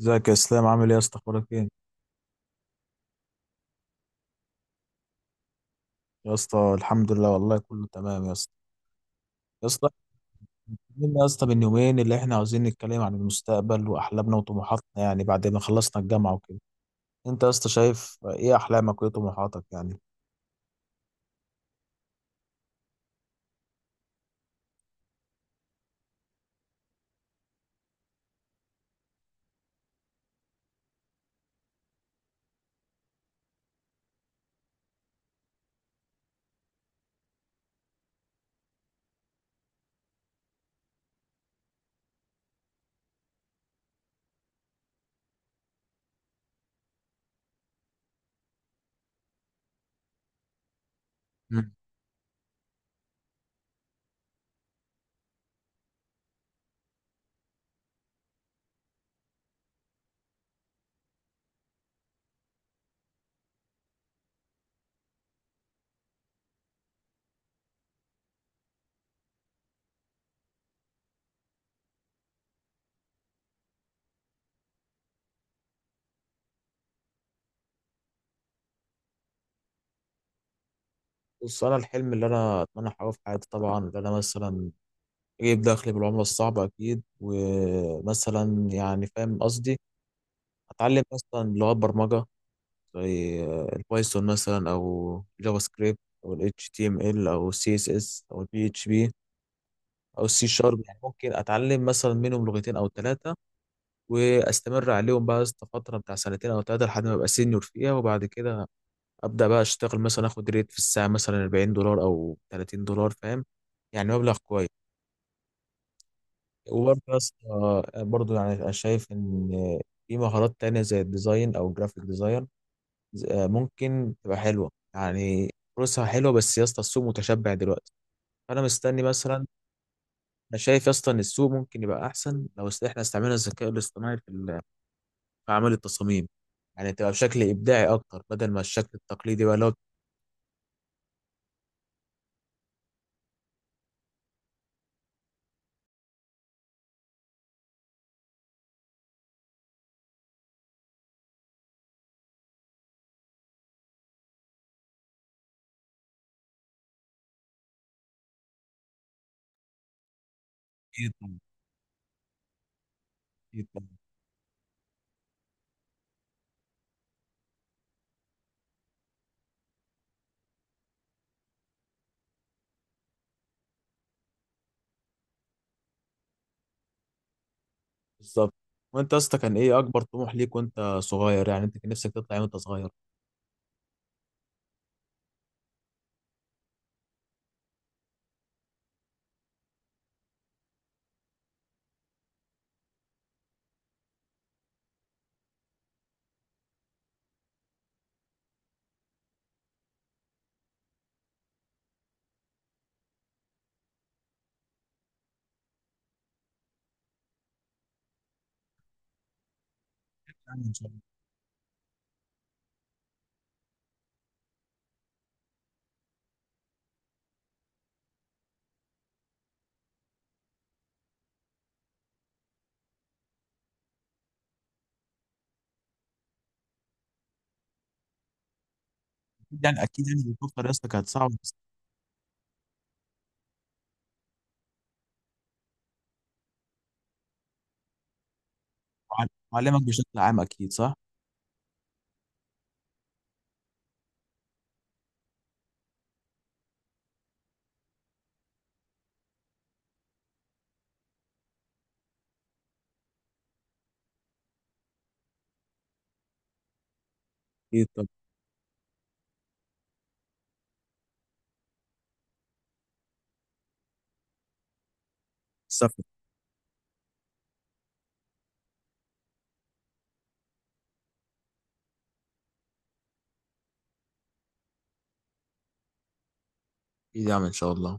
ازيك يا اسلام؟ عامل ايه يا اسطى؟ اخبارك ايه؟ يا اسطى الحمد لله، والله كله تمام يا اسطى. يا اسطى، اتكلمنا يا اسطى من يومين اللي احنا عاوزين نتكلم عن المستقبل واحلامنا وطموحاتنا، يعني بعد ما خلصنا الجامعه وكده. انت يا اسطى شايف ايه احلامك وايه طموحاتك يعني؟ مم. بص، انا الحلم اللي انا اتمنى احققه في حياتي طبعا اللي انا مثلا اجيب دخل بالعمله الصعبه اكيد، ومثلا يعني فاهم قصدي، اتعلم مثلا لغات برمجه زي البايثون مثلا، او جافا سكريبت، او ال HTML، او ال CSS، او ال PHP، او السي شارب. يعني ممكن اتعلم مثلا منهم لغتين او ثلاثه واستمر عليهم بقى فتره بتاع سنتين او ثلاثه لحد ما ابقى سينيور فيها. وبعد كده ابدا بقى اشتغل، مثلا اخد ريت في الساعه مثلا 40 دولار او 30 دولار، فاهم يعني مبلغ كويس. وبرضه يا اسطى، برضه يعني أنا شايف ان في مهارات تانية زي الديزاين او الجرافيك ديزاين، ممكن تبقى حلوه يعني، فلوسها حلوه. بس يا اسطى السوق متشبع دلوقتي، فانا مستني مثلا. انا شايف يا اسطى ان السوق ممكن يبقى احسن لو احنا استعملنا الذكاء الاصطناعي في في اعمال التصاميم، يعني تبقى بشكل ابداعي اكتر بدل ما الشكل التقليدي بقى اللي هو بيطلع- بيطلع. بالظبط. وانت يا اسطى، كان ايه اكبر طموح ليك وانت صغير؟ يعني انت كان نفسك تطلع ايه وانت صغير؟ يعني ان شاء الله. اكيد يعني، اكيد يعني الكفر يا اسطى كانت صعبه بس. وعلمك بشكل عام اكيد، صح؟ اكيد. طب السفر. اكيد، يعني ان شاء الله.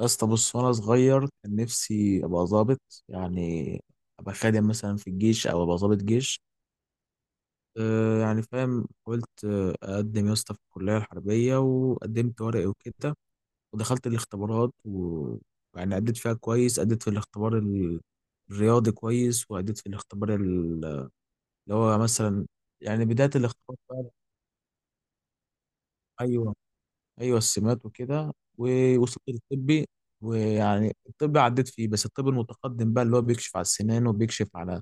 يا اسطى بص، وانا صغير كان نفسي ابقى ظابط، يعني ابقى خادم مثلا في الجيش او ابقى ظابط جيش. أه يعني فاهم، قلت اقدم يا اسطى في الكليه الحربيه، وقدمت ورقي وكده ودخلت الاختبارات و... يعني أديت فيها كويس، أديت في الاختبار الرياضي كويس، وأديت في الاختبار اللي هو مثلا، يعني بداية الاختبار فعلا. أيوه، ايوه السمات وكده، ووصلت للطبي. ويعني الطب عديت فيه، بس الطب المتقدم بقى اللي هو بيكشف على السنان وبيكشف على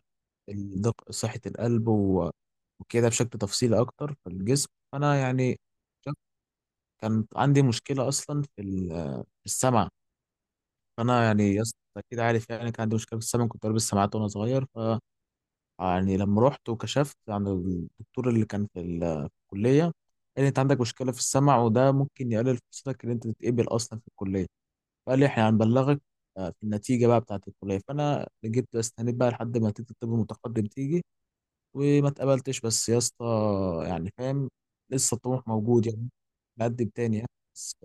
صحة القلب و... وكده بشكل تفصيلي اكتر في الجسم، فانا يعني شك- كان عندي مشكلة اصلا في في السمع. فانا يعني يا اسطى كده عارف، يعني كان عندي مشكلة في السمع، كنت لابس سماعات وانا صغير. يعني لما رحت وكشفت عن الدكتور اللي كان في في الكلية، قال لي انت عندك مشكلة في السمع، وده ممكن يقلل فرصتك ان انت تتقبل اصلا في الكلية. فقال لي احنا هنبلغك في النتيجة بقى بتاعة الكلية. فانا جبت استنيت بقى لحد ما نتيجة الطب المتقدم تيجي، وما اتقبلتش. بس يا اسطى يعني فاهم، لسه الطموح موجود يعني، بقدم تاني يعني، بس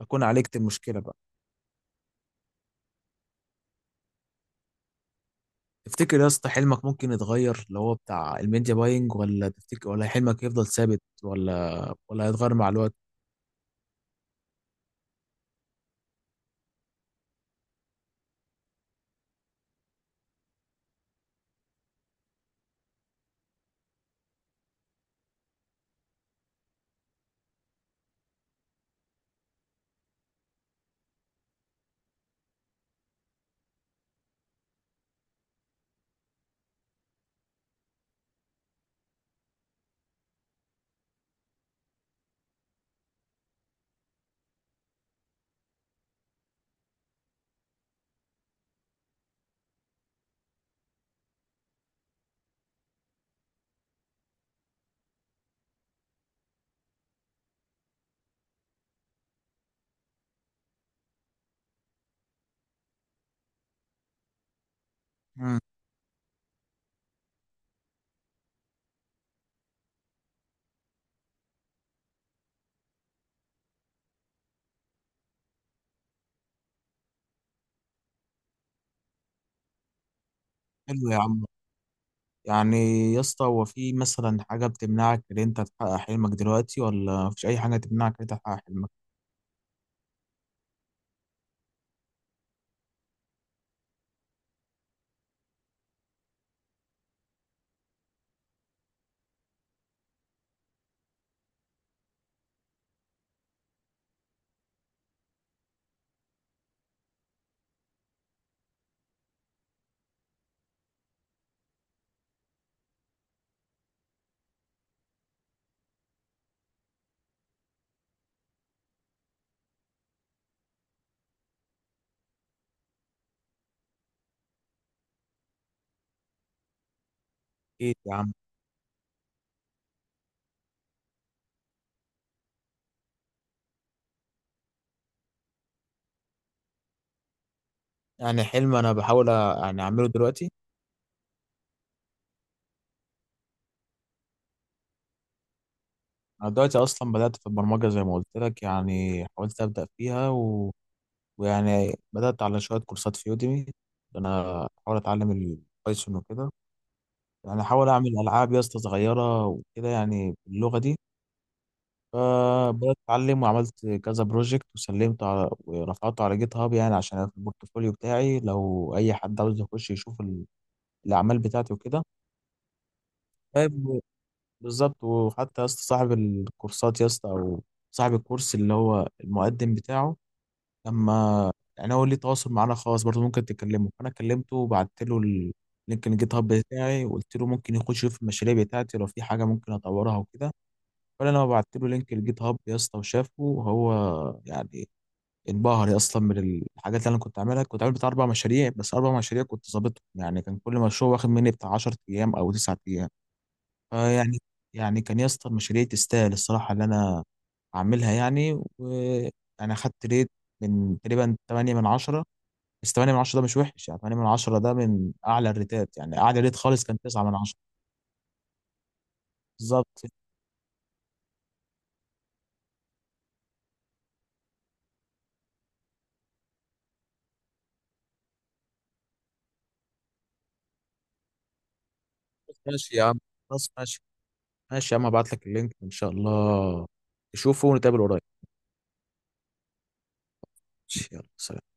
اكون عالجت المشكلة بقى. تفتكر يا اسطى حلمك ممكن يتغير اللي هو بتاع الميديا باينج، ولا تفتكر، ولا حلمك يفضل ثابت، ولا هيتغير مع الوقت؟ مم. حلو يا عم. يعني يا اسطى، هو في مثلا حاجة بتمنعك إن أنت تحقق حلمك دلوقتي، ولا مفيش أي حاجة تمنعك إن أنت تحقق حلمك؟ اكيد يا عم. يعني حلم انا بحاول يعني اعمله دلوقتي. انا دلوقتي اصلا بدات في البرمجه زي ما قلت لك، يعني حاولت ابدا فيها و... ويعني بدات على شويه كورسات في يوديمي، انا بحاول اتعلم البايثون وكده. يعني احاول اعمل العاب يا اسطى صغيره وكده يعني باللغه دي. فبدات اتعلم وعملت كذا بروجكت وسلمته على، ورفعته على جيت هاب يعني عشان في البورتفوليو بتاعي، لو اي حد عاوز يخش يشوف الاعمال بتاعتي وكده. طيب، بالظبط. وحتى يا اسطى صاحب الكورسات يا اسطى، او صاحب الكورس اللي هو المقدم بتاعه، لما يعني هو ليه تواصل معانا خاص برضه ممكن تكلمه، فانا كلمته وبعت له لينك الجيت هاب بتاعي، وقلت له ممكن يخش يشوف المشاريع بتاعتي لو في حاجه ممكن اطورها وكده. ولا انا بعت له لينك الجيت هاب يا اسطى، وشافه وهو يعني انبهر يا، اصلا من الحاجات اللي انا كنت عاملها، كنت عامل بتاع اربع مشاريع. بس اربع مشاريع كنت ظابطهم يعني. كان كل مشروع واخد مني بتاع 10 ايام او 9 ايام. فيعني كان يا اسطى المشاريع تستاهل الصراحه اللي انا اعملها يعني، وانا خدت ريت من تقريبا 8 من 10. بس 8 من 10 ده مش وحش يعني، 8 من 10 ده من اعلى الريتات يعني. اعلى ريت خالص كان 9 من 10. بالظبط. خلاص ماشي يا عم، خلاص ماشي، ماشي يا عم، ابعت لك اللينك ان شاء الله تشوفه ونتقابل قريب. يلا سلام.